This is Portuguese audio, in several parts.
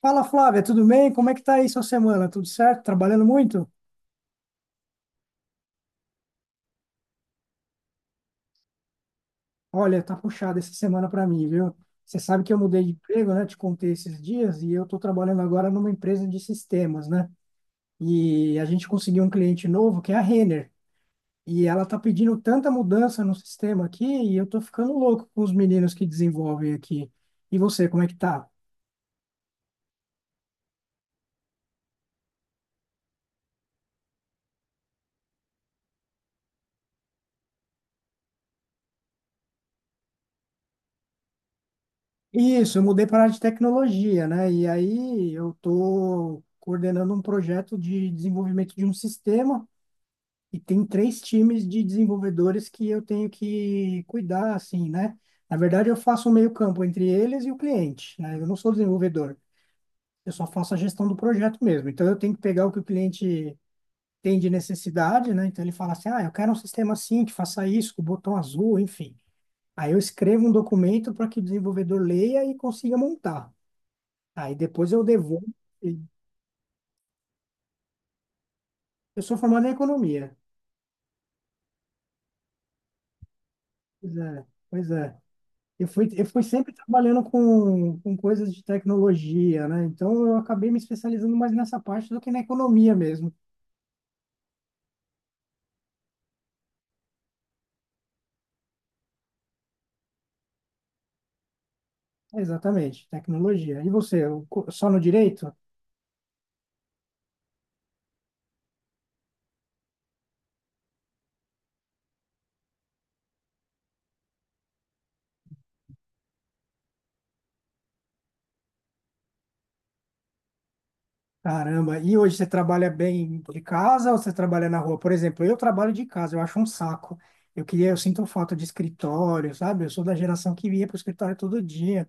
Fala Flávia, tudo bem? Como é que tá aí sua semana? Tudo certo? Trabalhando muito? Olha, tá puxada essa semana para mim, viu? Você sabe que eu mudei de emprego, né? Te contei esses dias e eu tô trabalhando agora numa empresa de sistemas, né? E a gente conseguiu um cliente novo que é a Renner. E ela tá pedindo tanta mudança no sistema aqui e eu tô ficando louco com os meninos que desenvolvem aqui. E você, como é que tá? Isso, eu mudei para a área de tecnologia, né? E aí eu estou coordenando um projeto de desenvolvimento de um sistema. E tem três times de desenvolvedores que eu tenho que cuidar, assim, né? Na verdade, eu faço um meio-campo entre eles e o cliente, né? Eu não sou desenvolvedor, eu só faço a gestão do projeto mesmo. Então, eu tenho que pegar o que o cliente tem de necessidade, né? Então, ele fala assim: ah, eu quero um sistema assim, que faça isso, com o botão azul, enfim. Aí, eu escrevo um documento para que o desenvolvedor leia e consiga montar. Aí, depois, eu devolvo. Eu sou formado em economia. Pois é, pois é. Eu fui sempre trabalhando com coisas de tecnologia, né? Então eu acabei me especializando mais nessa parte do que na economia mesmo. Exatamente, tecnologia. E você, o co- só no direito? Caramba, e hoje você trabalha bem de casa ou você trabalha na rua? Por exemplo, eu trabalho de casa, eu acho um saco. Eu queria, eu sinto falta de escritório, sabe? Eu sou da geração que ia para o escritório todo dia.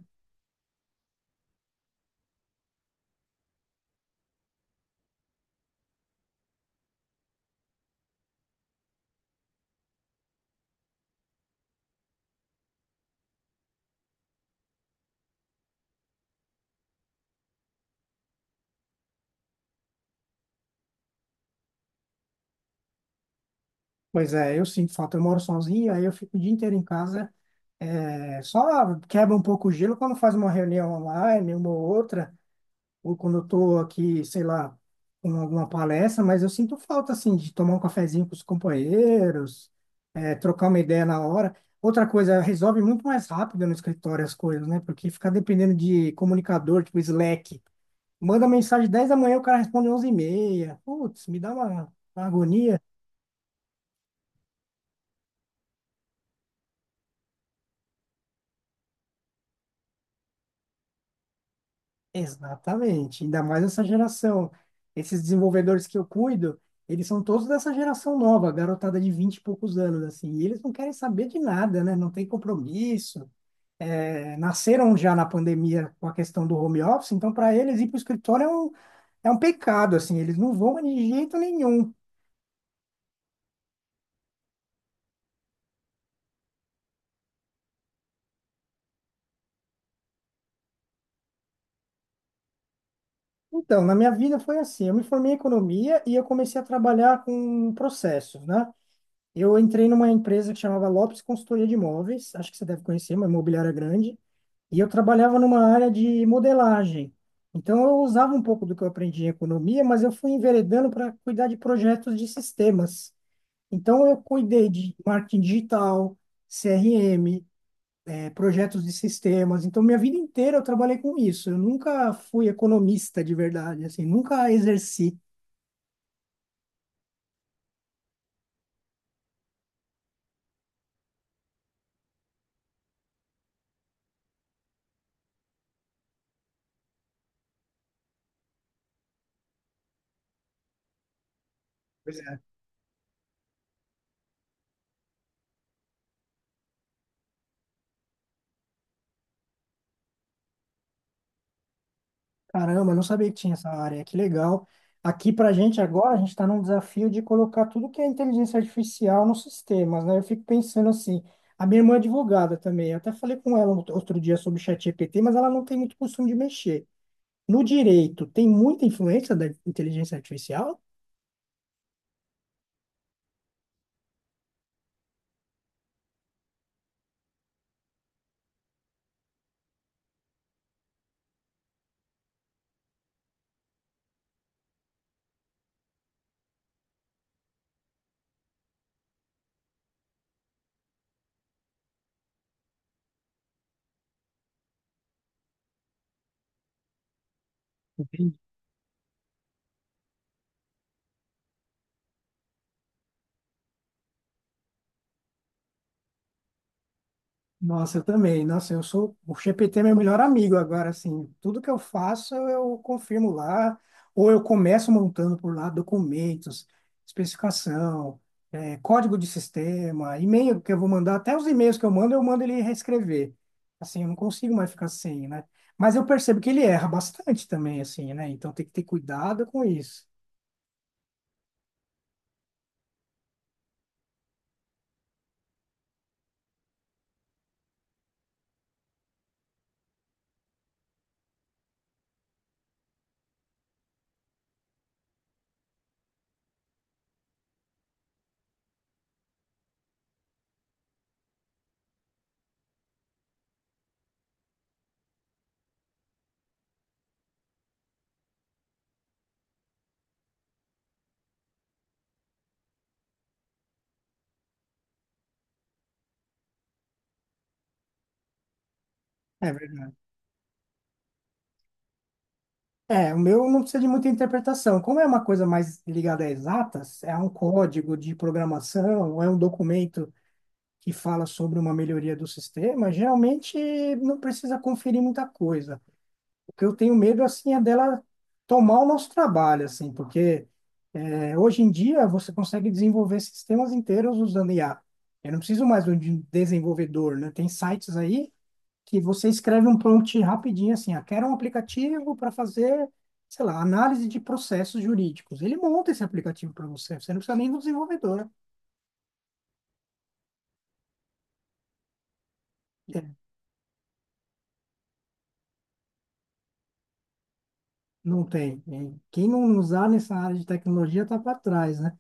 Pois é, eu sinto falta. Eu moro sozinho, aí eu fico o dia inteiro em casa. É, só quebra um pouco o gelo quando faz uma reunião online, uma ou outra, ou quando eu tô aqui, sei lá, com alguma palestra, mas eu sinto falta, assim, de tomar um cafezinho com os companheiros, é, trocar uma ideia na hora. Outra coisa, resolve muito mais rápido no escritório as coisas, né? Porque ficar dependendo de comunicador, tipo Slack. Manda mensagem 10h da manhã, o cara responde 11h30. Putz, me dá uma agonia. Exatamente, ainda mais essa geração. Esses desenvolvedores que eu cuido, eles são todos dessa geração nova, garotada de 20 e poucos anos, assim, e eles não querem saber de nada, né? Não tem compromisso. É, nasceram já na pandemia com a questão do home office, então para eles ir para o escritório é um pecado, assim, eles não vão de jeito nenhum. Então, na minha vida foi assim, eu me formei em economia e eu comecei a trabalhar com processos, né? Eu entrei numa empresa que chamava Lopes Consultoria de Imóveis, acho que você deve conhecer, uma imobiliária grande, e eu trabalhava numa área de modelagem. Então, eu usava um pouco do que eu aprendi em economia, mas eu fui enveredando para cuidar de projetos de sistemas. Então, eu cuidei de marketing digital, CRM, projetos de sistemas. Então, minha vida inteira eu trabalhei com isso. Eu nunca fui economista de verdade, assim, nunca exerci. Pois é. Caramba, eu não sabia que tinha essa área. Que legal. Aqui pra gente agora, a gente está num desafio de colocar tudo que é inteligência artificial nos sistemas, né? Eu fico pensando assim, a minha irmã é advogada também. Eu até falei com ela outro dia sobre o ChatGPT, mas ela não tem muito costume de mexer. No direito, tem muita influência da inteligência artificial? Nossa, eu também. Nossa, eu sou. O GPT é meu melhor amigo agora, assim. Tudo que eu faço, eu confirmo lá. Ou eu começo montando por lá documentos, especificação, código de sistema, e-mail que eu vou mandar. Até os e-mails que eu mando ele reescrever. Assim, eu não consigo mais ficar sem, né? Mas eu percebo que ele erra bastante também, assim, né? Então tem que ter cuidado com isso. É verdade. É, o meu não precisa de muita interpretação. Como é uma coisa mais ligada a exatas, é um código de programação, ou é um documento que fala sobre uma melhoria do sistema, geralmente não precisa conferir muita coisa. O que eu tenho medo, assim, é dela tomar o nosso trabalho, assim, porque é, hoje em dia você consegue desenvolver sistemas inteiros usando IA. Eu não preciso mais de um desenvolvedor, né? Tem sites aí que você escreve um prompt rapidinho assim, ah, quero um aplicativo para fazer, sei lá, análise de processos jurídicos. Ele monta esse aplicativo para você, você não precisa nem do desenvolvedor. É, não tem, né? Quem não usar nessa área de tecnologia está para trás, né?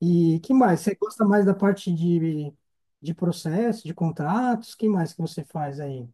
E que mais? Você gosta mais da parte de processo, de contratos? Que mais que você faz aí?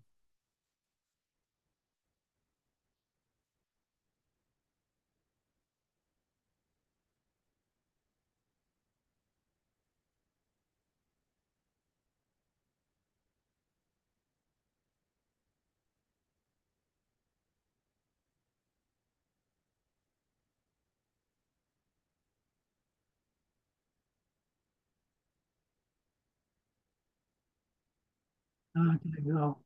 Ah, que legal.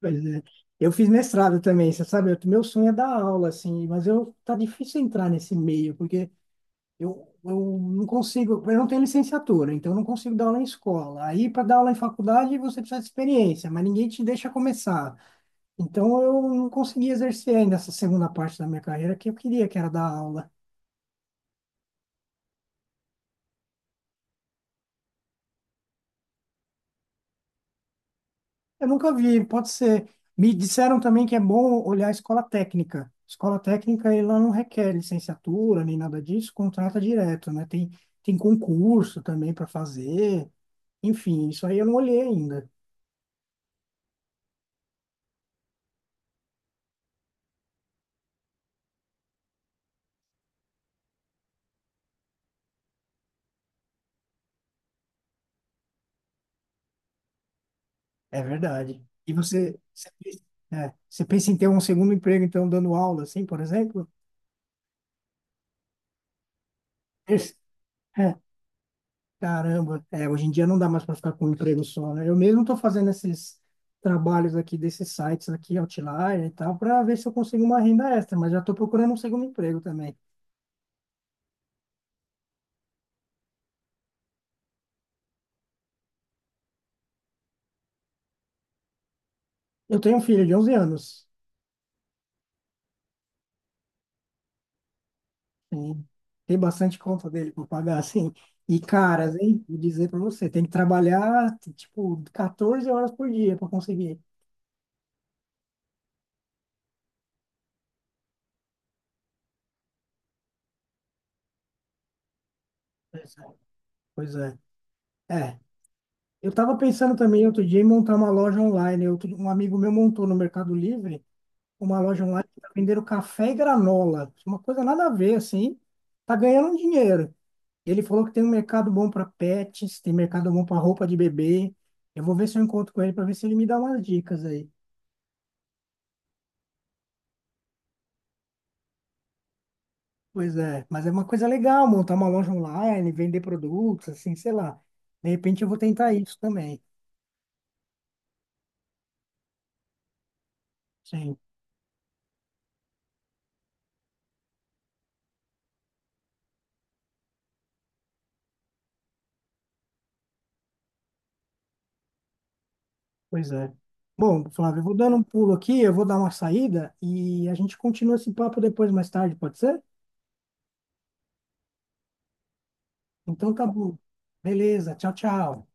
Pois é. Eu fiz mestrado também, você sabe, eu- meu sonho é dar aula, assim, mas eu tá difícil entrar nesse meio, porque eu não consigo, eu não tenho licenciatura, então eu não consigo dar aula em escola. Aí, para dar aula em faculdade, você precisa de experiência, mas ninguém te deixa começar. Então, eu não consegui exercer ainda essa segunda parte da minha carreira que eu queria, que era dar aula. Eu nunca vi, pode ser. Me disseram também que é bom olhar a escola técnica. Escola técnica, ela não requer licenciatura nem nada disso, contrata direto, né? Tem, tem concurso também para fazer. Enfim, isso aí eu não olhei ainda. É verdade. E você, você, é, você pensa em ter um segundo emprego, então, dando aula, assim, por exemplo? Esse- É, caramba, é, hoje em dia não dá mais para ficar com um emprego só, né? Eu mesmo estou fazendo esses trabalhos aqui desses sites aqui, Outlier e tal, para ver se eu consigo uma renda extra, mas já estou procurando um segundo emprego também. Eu tenho um filho de 11 anos, sim, tem bastante conta dele para pagar, assim, e caras, hein? Vou dizer para você, tem que trabalhar, tipo, 14 horas por dia para conseguir. Pois é. Pois é. É, eu estava pensando também outro dia em montar uma loja online. Um amigo meu montou no Mercado Livre uma loja online para vender café e granola. Uma coisa nada a ver, assim. Tá ganhando um dinheiro. Ele falou que tem um mercado bom para pets, tem mercado bom para roupa de bebê. Eu vou ver se eu encontro com ele para ver se ele me dá umas dicas aí. Pois é, mas é uma coisa legal montar uma loja online, vender produtos, assim, sei lá. De repente eu vou tentar isso também. Sim. Pois é. Bom, Flávio, eu vou dando um pulo aqui, eu vou dar uma saída e a gente continua esse papo depois, mais tarde, pode ser? Então tá bom. Beleza, tchau, tchau.